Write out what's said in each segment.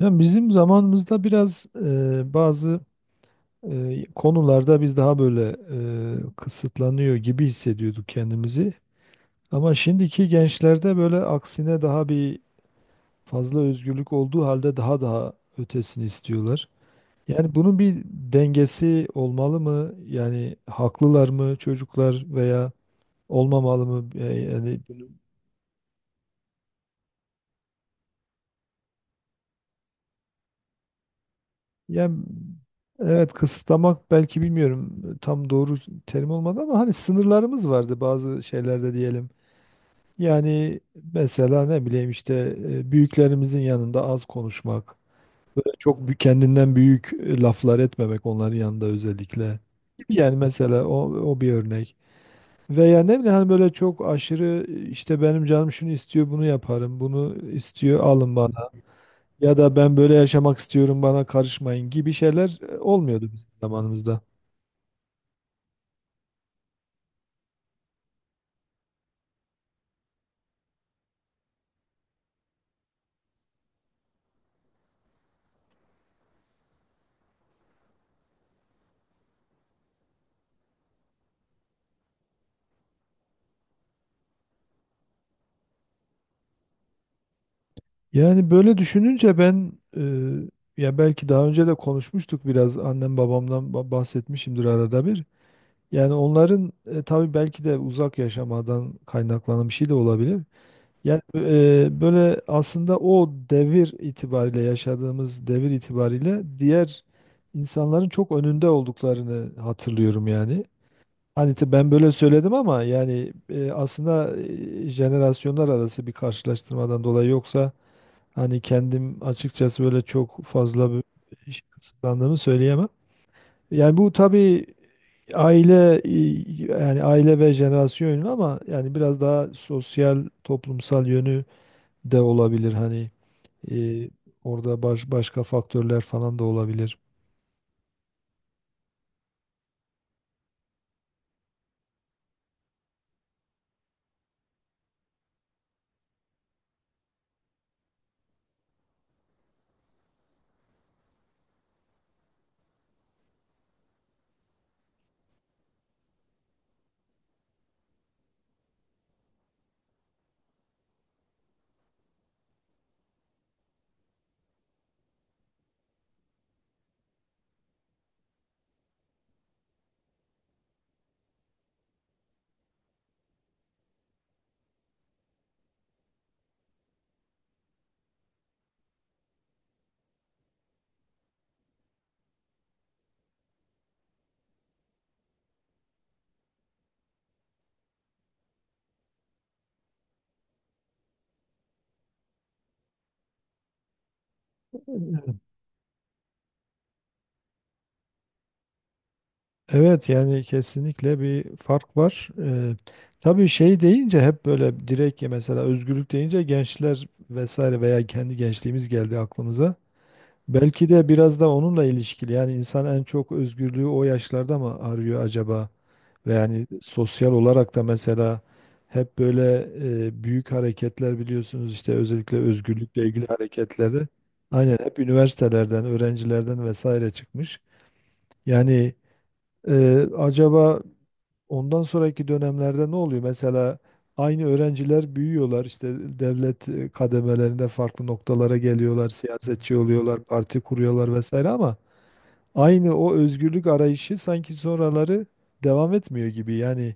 Yani bizim zamanımızda biraz bazı konularda biz daha böyle kısıtlanıyor gibi hissediyorduk kendimizi. Ama şimdiki gençlerde böyle aksine daha bir fazla özgürlük olduğu halde daha ötesini istiyorlar. Yani bunun bir dengesi olmalı mı? Yani haklılar mı çocuklar veya olmamalı mı? Yani ya evet, kısıtlamak belki, bilmiyorum, tam doğru terim olmadı ama hani sınırlarımız vardı bazı şeylerde diyelim. Yani mesela ne bileyim işte büyüklerimizin yanında az konuşmak, böyle kendinden büyük laflar etmemek onların yanında özellikle. Yani mesela o bir örnek. Veya ne bileyim hani böyle çok aşırı işte benim canım şunu istiyor bunu yaparım, bunu istiyor alın bana. Ya da ben böyle yaşamak istiyorum bana karışmayın gibi şeyler olmuyordu bizim zamanımızda. Yani böyle düşününce ben ya belki daha önce de konuşmuştuk biraz annem babamdan bahsetmişimdir arada bir. Yani onların tabii belki de uzak yaşamadan kaynaklanan bir şey de olabilir. Yani böyle aslında o devir itibariyle yaşadığımız devir itibariyle diğer insanların çok önünde olduklarını hatırlıyorum yani. Hani ben böyle söyledim ama yani aslında jenerasyonlar arası bir karşılaştırmadan dolayı, yoksa hani kendim açıkçası böyle çok fazla bir iş kısıtlandığımı söyleyemem. Yani bu tabii aile yani aile ve jenerasyon yönü ama yani biraz daha sosyal toplumsal yönü de olabilir hani e, orada başka faktörler falan da olabilir. Evet yani kesinlikle bir fark var. Tabii şey deyince hep böyle direkt ya, mesela özgürlük deyince gençler vesaire veya kendi gençliğimiz geldi aklımıza. Belki de biraz da onunla ilişkili. Yani insan en çok özgürlüğü o yaşlarda mı arıyor acaba? Ve yani sosyal olarak da mesela hep böyle büyük hareketler, biliyorsunuz işte, özellikle özgürlükle ilgili hareketlerde. Aynen hep üniversitelerden, öğrencilerden vesaire çıkmış. Yani acaba ondan sonraki dönemlerde ne oluyor? Mesela aynı öğrenciler büyüyorlar işte, devlet kademelerinde farklı noktalara geliyorlar, siyasetçi oluyorlar, parti kuruyorlar vesaire ama aynı o özgürlük arayışı sanki sonraları devam etmiyor gibi. Yani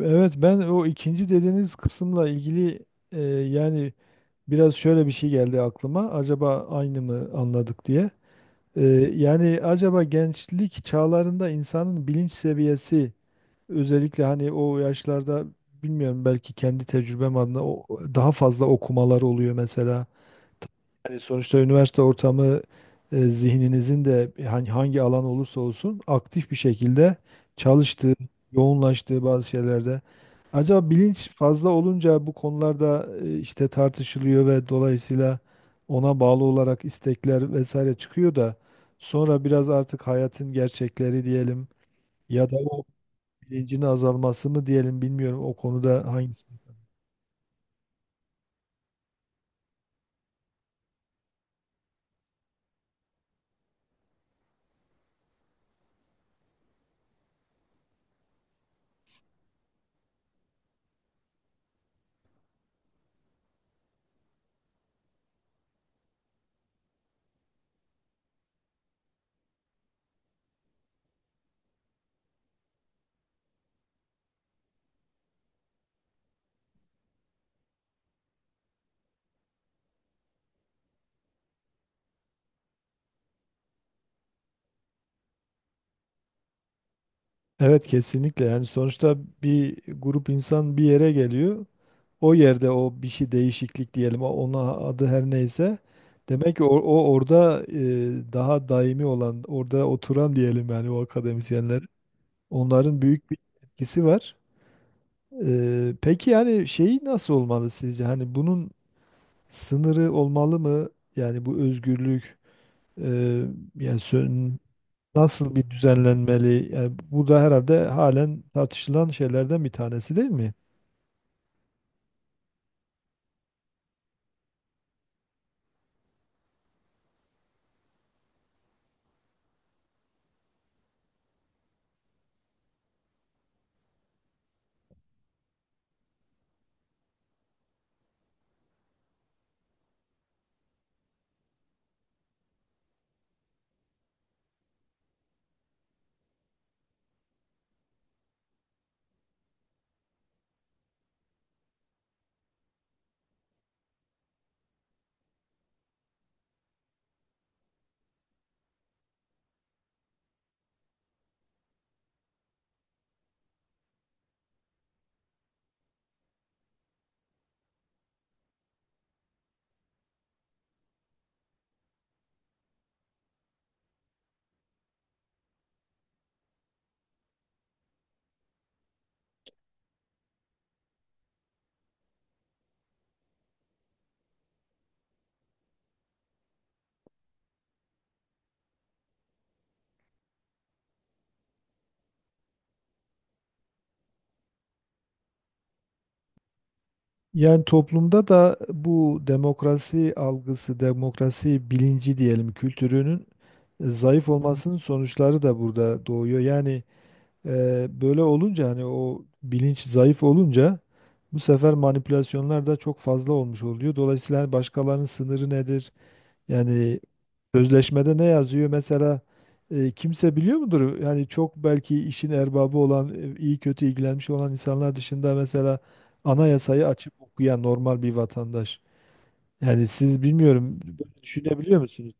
evet, ben o ikinci dediğiniz kısımla ilgili yani biraz şöyle bir şey geldi aklıma. Acaba aynı mı anladık diye. E, Yani acaba gençlik çağlarında insanın bilinç seviyesi, özellikle hani o yaşlarda, bilmiyorum belki kendi tecrübem adına, daha fazla okumalar oluyor mesela. Hani sonuçta üniversite ortamı zihninizin de hani hangi alan olursa olsun aktif bir şekilde çalıştığı, yoğunlaştığı bazı şeylerde. Acaba bilinç fazla olunca bu konularda işte tartışılıyor ve dolayısıyla ona bağlı olarak istekler vesaire çıkıyor da sonra biraz artık hayatın gerçekleri diyelim, ya da o bilincin azalması mı diyelim, bilmiyorum o konuda hangisi. Evet kesinlikle, yani sonuçta bir grup insan bir yere geliyor. O yerde o bir şey, değişiklik diyelim, ona adı her neyse. Demek ki o orada daha daimi olan, orada oturan diyelim, yani o akademisyenler. Onların büyük bir etkisi var. Peki yani şey, nasıl olmalı sizce? Hani bunun sınırı olmalı mı? Yani bu özgürlük e, yani nasıl bir düzenlenmeli? Yani bu da herhalde halen tartışılan şeylerden bir tanesi değil mi? Yani toplumda da bu demokrasi algısı, demokrasi bilinci diyelim, kültürünün zayıf olmasının sonuçları da burada doğuyor. Yani böyle olunca, hani o bilinç zayıf olunca, bu sefer manipülasyonlar da çok fazla olmuş oluyor. Dolayısıyla hani başkalarının sınırı nedir? Yani sözleşmede ne yazıyor? Mesela kimse biliyor mudur? Yani çok belki işin erbabı olan, iyi kötü ilgilenmiş olan insanlar dışında, mesela anayasayı açıp okuyan normal bir vatandaş. Yani siz bilmiyorum, böyle düşünebiliyor musunuz?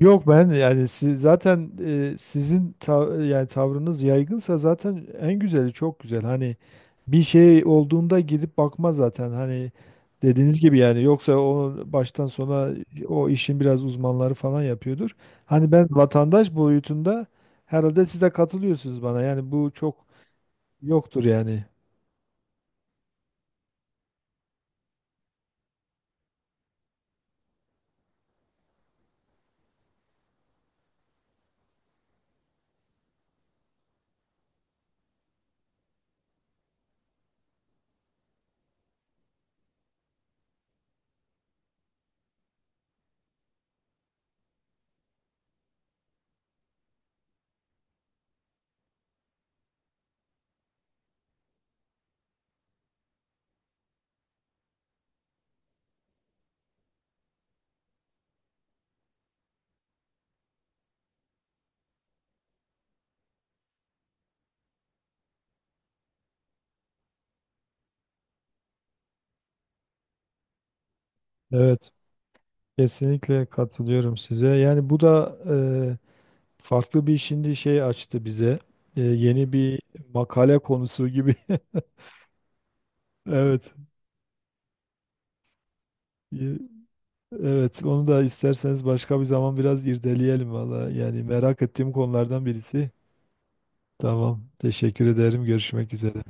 Yok ben yani, zaten sizin yani tavrınız yaygınsa zaten en güzeli, çok güzel. Hani bir şey olduğunda gidip bakma zaten. Hani dediğiniz gibi, yani yoksa onu baştan sona o işin biraz uzmanları falan yapıyordur. Hani ben vatandaş boyutunda, herhalde siz de katılıyorsunuz bana, yani bu çok yoktur yani. Evet, kesinlikle katılıyorum size. Yani bu da farklı bir şimdi şey açtı bize. Yeni bir makale konusu gibi. Evet. Y- Evet, onu da isterseniz başka bir zaman biraz irdeleyelim valla. Yani merak ettiğim konulardan birisi. Tamam. Teşekkür ederim. Görüşmek üzere.